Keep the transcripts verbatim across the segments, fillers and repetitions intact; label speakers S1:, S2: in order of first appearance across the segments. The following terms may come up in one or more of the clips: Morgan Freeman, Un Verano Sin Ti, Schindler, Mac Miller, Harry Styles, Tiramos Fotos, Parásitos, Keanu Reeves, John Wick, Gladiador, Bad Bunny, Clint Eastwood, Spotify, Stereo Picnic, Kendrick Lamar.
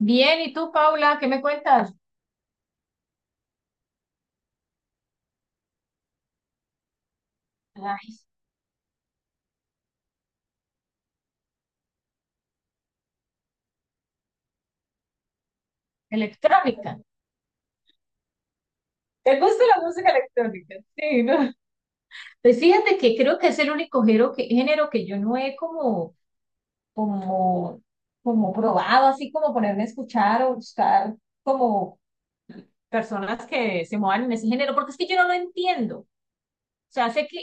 S1: Bien, ¿y tú, Paula, qué me cuentas? Ay, electrónica. ¿Te gusta la música electrónica? Sí, ¿no? Pues fíjate que creo que es el único género que, género que yo no he como, como, como probado, así como ponerme a escuchar o buscar como personas que se muevan en ese género, porque es que yo no lo entiendo. O sea, sé que,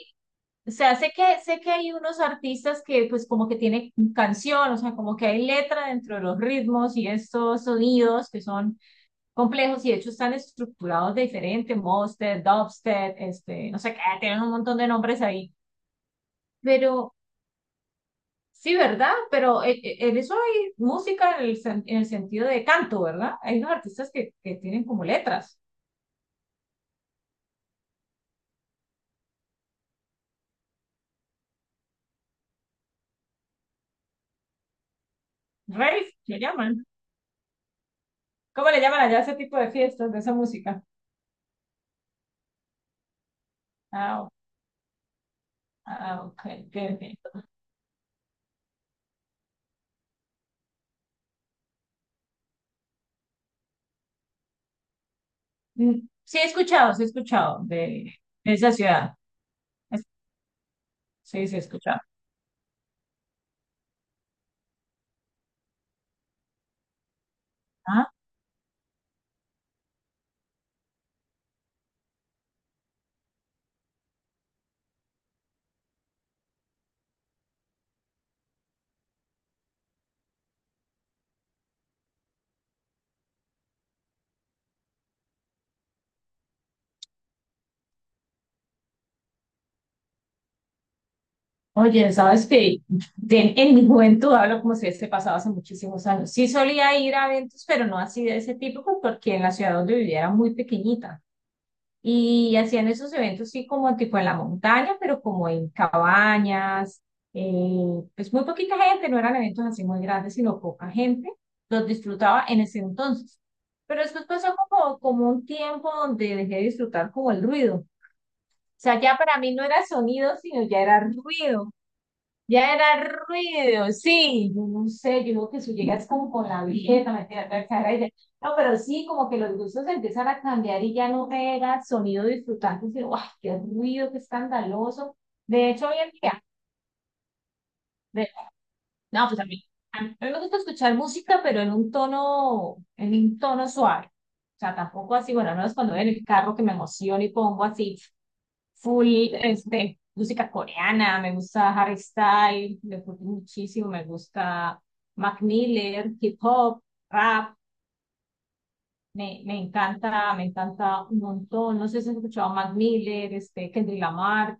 S1: o sea, sé que, sé que hay unos artistas que pues como que tienen canción, o sea, como que hay letra dentro de los ritmos y estos sonidos que son complejos y de hecho están estructurados de diferente, Mosted, Dubstep, este, no sé qué, tienen un montón de nombres ahí, pero sí, ¿verdad? Pero en, en eso hay música en el, sen- en el sentido de canto, ¿verdad? Hay unos artistas que, que tienen como letras, rave, le llaman. ¿Cómo le llaman allá a ese tipo de fiestas, de esa música? Ah, o- ah, ok, ok, ok. Mm, sí he escuchado, sí he escuchado de, de esa ciudad. Es- Sí, sí he escuchado. Ah. Oye, sabes que de- en mi juventud hablo como si hubiese pasado hace muchísimos años. Sí solía ir a eventos, pero no así de ese tipo, pues, porque en la ciudad donde vivía era muy pequeñita. Y hacían esos eventos sí como tipo en la montaña, pero como en cabañas, eh, pues muy poquita gente, no eran eventos así muy grandes, sino poca gente. Los disfrutaba en ese entonces. Pero después pasó como, como un tiempo donde dejé de disfrutar como el ruido. O sea, ya para mí no era sonido, sino ya era ruido. Ya era ruido, sí, yo no sé, yo creo que si llegas como con la vieja, me tiene la cara y ya- No, pero sí, como que los gustos empiezan a cambiar y ya no era sonido disfrutante, sino, ¡guau! ¡Qué ruido, qué escandaloso! De hecho, hoy en día, de- no, pues a mí, a mí me gusta escuchar música, pero en un tono, en un tono suave. O sea, tampoco así, bueno, no es cuando voy en el carro que me emociono y pongo así full este, música coreana, me gusta Harry Styles, me gusta muchísimo, me gusta Mac Miller, hip hop, rap, me, me encanta, me encanta un montón. No sé si has escuchado a Mac Miller, este, Kendrick Lamar.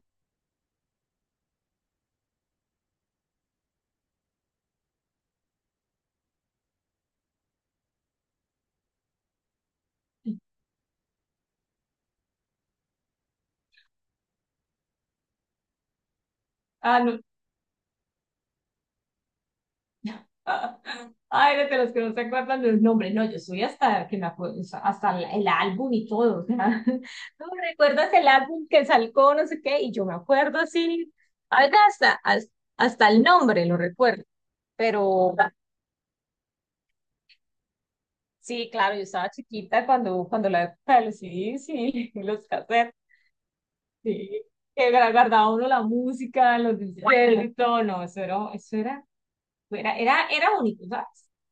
S1: Ah, no, ay, de los que no se acuerdan del nombre. No, yo soy hasta que me acuerdo, hasta el el álbum y todo. O sea, ¿no recuerdas el álbum que salió, no sé qué? Y yo me acuerdo así, algo hasta, hasta, hasta el nombre lo recuerdo. Pero sí, claro, yo estaba chiquita cuando, cuando la época de los C Ds y los cassettes, sí, que gra- guardaba uno la música, los discos y todo. No, eso era, eso era Era, era, era único, ¿sabes?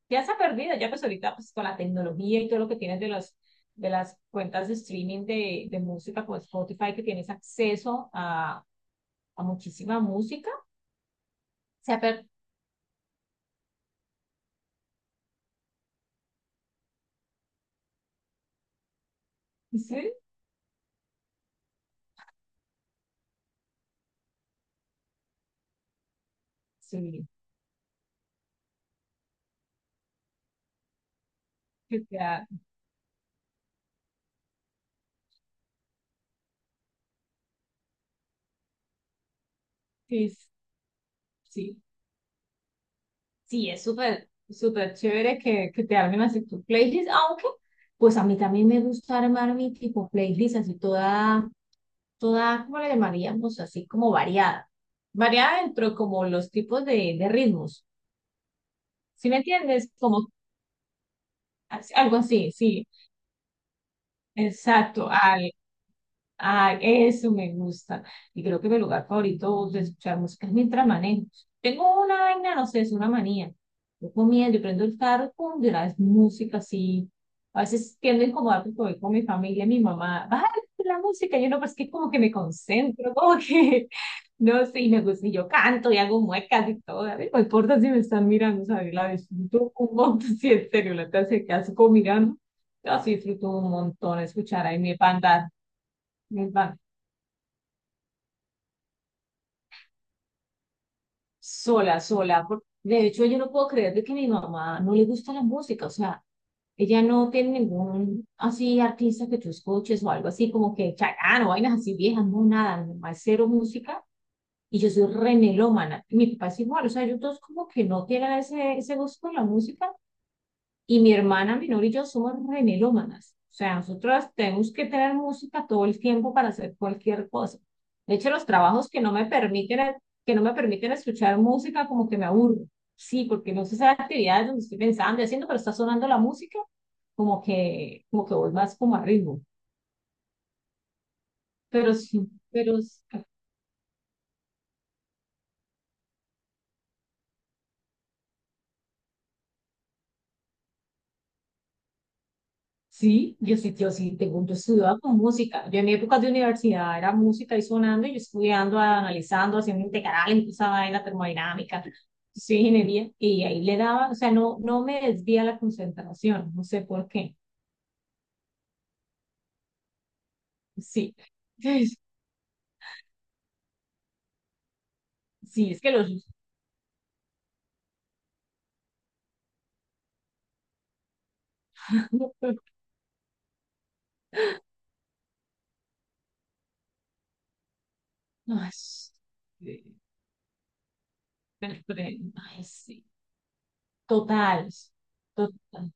S1: Ya se ha perdido, ya pues ahorita pues con la tecnología y todo lo que tienes de las, de las cuentas de streaming de, de música como Spotify, que tienes acceso a, a muchísima música, se ha perdido. Sí, sí, que te ha- sí, sí, sí, es súper, súper chévere que, que te armen así tu playlist, aunque pues a mí también me gusta armar mi tipo playlist así toda toda, ¿cómo le llamaríamos? Así como variada. Variada dentro como los tipos de, de ritmos. ¿Sí me entiendes? Como as- algo así, sí, exacto, ah, eso me gusta. Y creo que mi lugar favorito de escuchar música es mientras manejo. Tengo una vaina, no sé, es una manía. Yo comiendo, yo prendo el carro, pum, de una vez música así. A veces tiendo a incomodar porque voy con mi familia, mi mamá, baja la música. Yo no, pero es que como que me concentro, como que, no sé, y me gusta, y yo canto y hago muecas y todo. A ver no importa si me están mirando, ¿sabes? La disfruto un montón, si en serio, la clase que hace como mirando. Yo sí disfruto un montón escuchar ahí mi banda. Sola, sola. por- De hecho, yo no puedo creer de que mi mamá no le gusta la música. O sea, ella no tiene ningún así artista que tú escuches o algo así como que Chacán o vainas así viejas. No, nada. Mi mamá es cero música y yo soy re melómana. Mi papá es igual. O sea, ellos dos como que no tienen ese, ese gusto por la música. Y mi hermana menor y yo somos remelómanas. O sea, nosotros tenemos que tener música todo el tiempo para hacer cualquier cosa. De hecho, los trabajos que no me permiten, que no me permiten escuchar música, como que me aburro. Sí, porque no sé esas actividades donde estoy pensando y haciendo, pero está sonando la música, como que, como que voy más como a ritmo. Pero sí, pero sí. Sí, yo sí, yo sí, tengo, yo estudiaba con música. Yo en mi época de universidad era música y sonando, y yo estudiando, analizando, haciendo integrales, toda esa vaina termodinámica, sí, ingeniería, y ahí le daba, o sea, no, no me desvía la concentración, no sé por qué. Sí, es- sí, es que los... Ay, sí, pero- pero- ay, sí, total, total.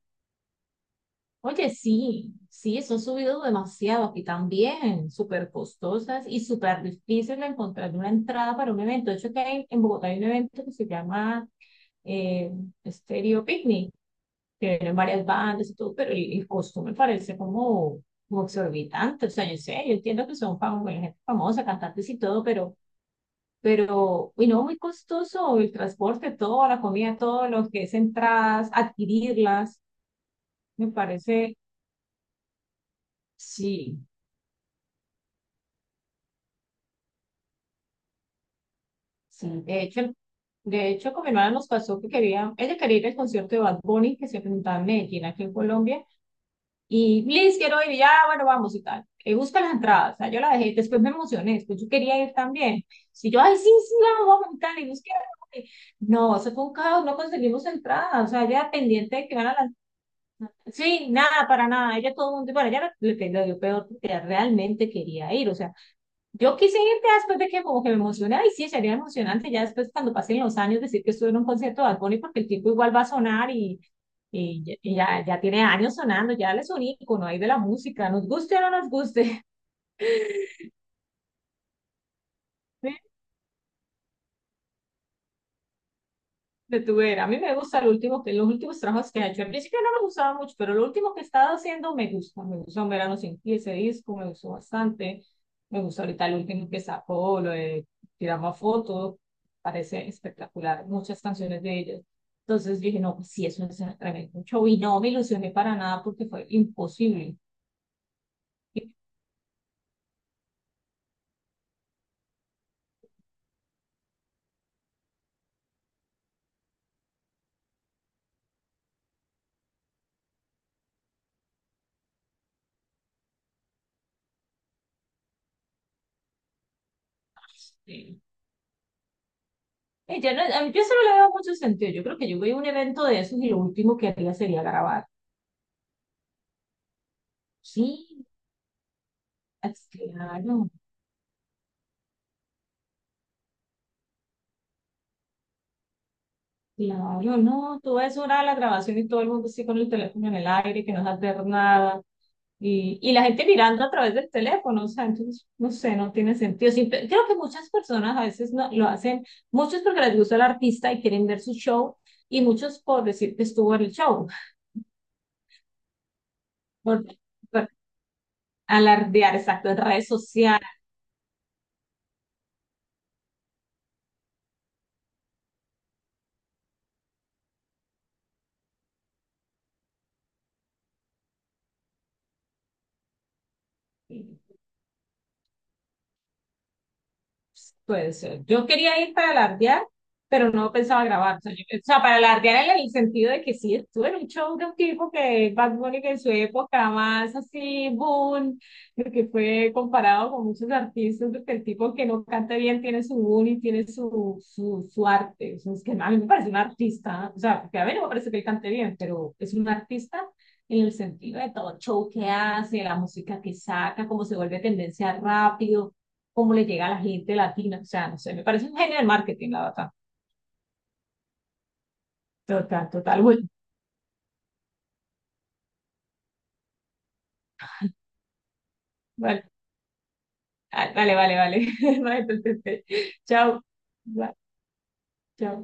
S1: Oye, sí, sí, son subidos demasiado y también súper costosas y súper difícil de encontrar una entrada para un evento. De hecho, que hay- en Bogotá hay un evento que se llama eh, Stereo Picnic, que tienen varias bandas y todo, pero el, el costo me parece como, como exorbitante. O sea, yo sé, yo entiendo que son fam- bueno, gente famosa, cantantes y todo, pero, pero, y no, muy costoso el transporte, todo, la comida, todo lo que es entradas, adquirirlas, me parece. Sí, sí, de hecho, de hecho, con mi hermana nos pasó que quería, ella quería ir al concierto de Bad Bunny que se presentaba en Medellín, aquí en Colombia, y Liz, quiero ir, y ya, bueno, vamos y tal. Eh, busca las entradas, o sea, yo la dejé, después me emocioné, después yo quería ir también. Si yo, ay, sí, sí, vamos, vamos y tal, y busqué, y- no, eso fue un caos, no conseguimos entradas, o sea, ella pendiente de que van a las, sí, nada, para nada, ella todo el mundo, bueno, ella le, le, dio peor, porque ella realmente quería ir, o sea, yo quise ir ya después de que como que me emocioné, y sí, sería emocionante ya después cuando pasen los años decir que estuve en un concierto de Bad Bunny porque el tipo igual va a sonar y, y, y ya, ya tiene años sonando, ya él es un ícono ahí de la música, nos guste o no nos guste. De tu era. A mí me gusta lo último que, los últimos trabajos que he hecho. Al principio no me gustaba mucho, pero lo último que he estado haciendo me gusta. Me gustó Un Verano Sin Ti, ese disco, me gustó bastante. Me gusta ahorita el último que sacó, lo de Tiramos Fotos. Parece espectacular, muchas canciones de ellos. Entonces dije, no, pues sí, eso es un tremendo show. Y no me ilusioné para nada porque fue imposible. Y sí, ella no, a mí- yo solo le veo mucho sentido. Yo creo que yo voy a un evento de esos y lo último que haría sería grabar. Sí, es- claro, claro, no. Tú ves una hora de la grabación y todo el mundo así con el teléfono en el aire, que no sabe hacer nada. Y, y la gente mirando a través del teléfono, o sea, entonces, no sé, no tiene sentido. Sí, pe- creo que muchas personas a veces no, lo hacen, muchos porque les gusta el artista y quieren ver su show, y muchos por decir que estuvo en el show, por, por alardear, exacto, en redes sociales. Puede ser. Yo quería ir para alardear, pero no pensaba grabar. O sea, yo- o sea, para alardear en el sentido de que sí, estuve en un show de un tipo que Bad Bunny que en su época más así, boom, de que fue comparado con muchos artistas, porque el tipo que no canta bien tiene su boom y tiene su, su, su arte. O sea, es que a mí me parece un artista, o sea, porque a mí no me parece que él cante bien, pero es un artista en el sentido de todo el show que hace, la música que saca, cómo se vuelve tendencia rápido cómo le llega a la gente latina. O sea, no sé, me parece un genio del marketing, la verdad. Total, total. Bueno, vale, vale, vale, vale. Vale, entonces, eh, chao. Va, chao.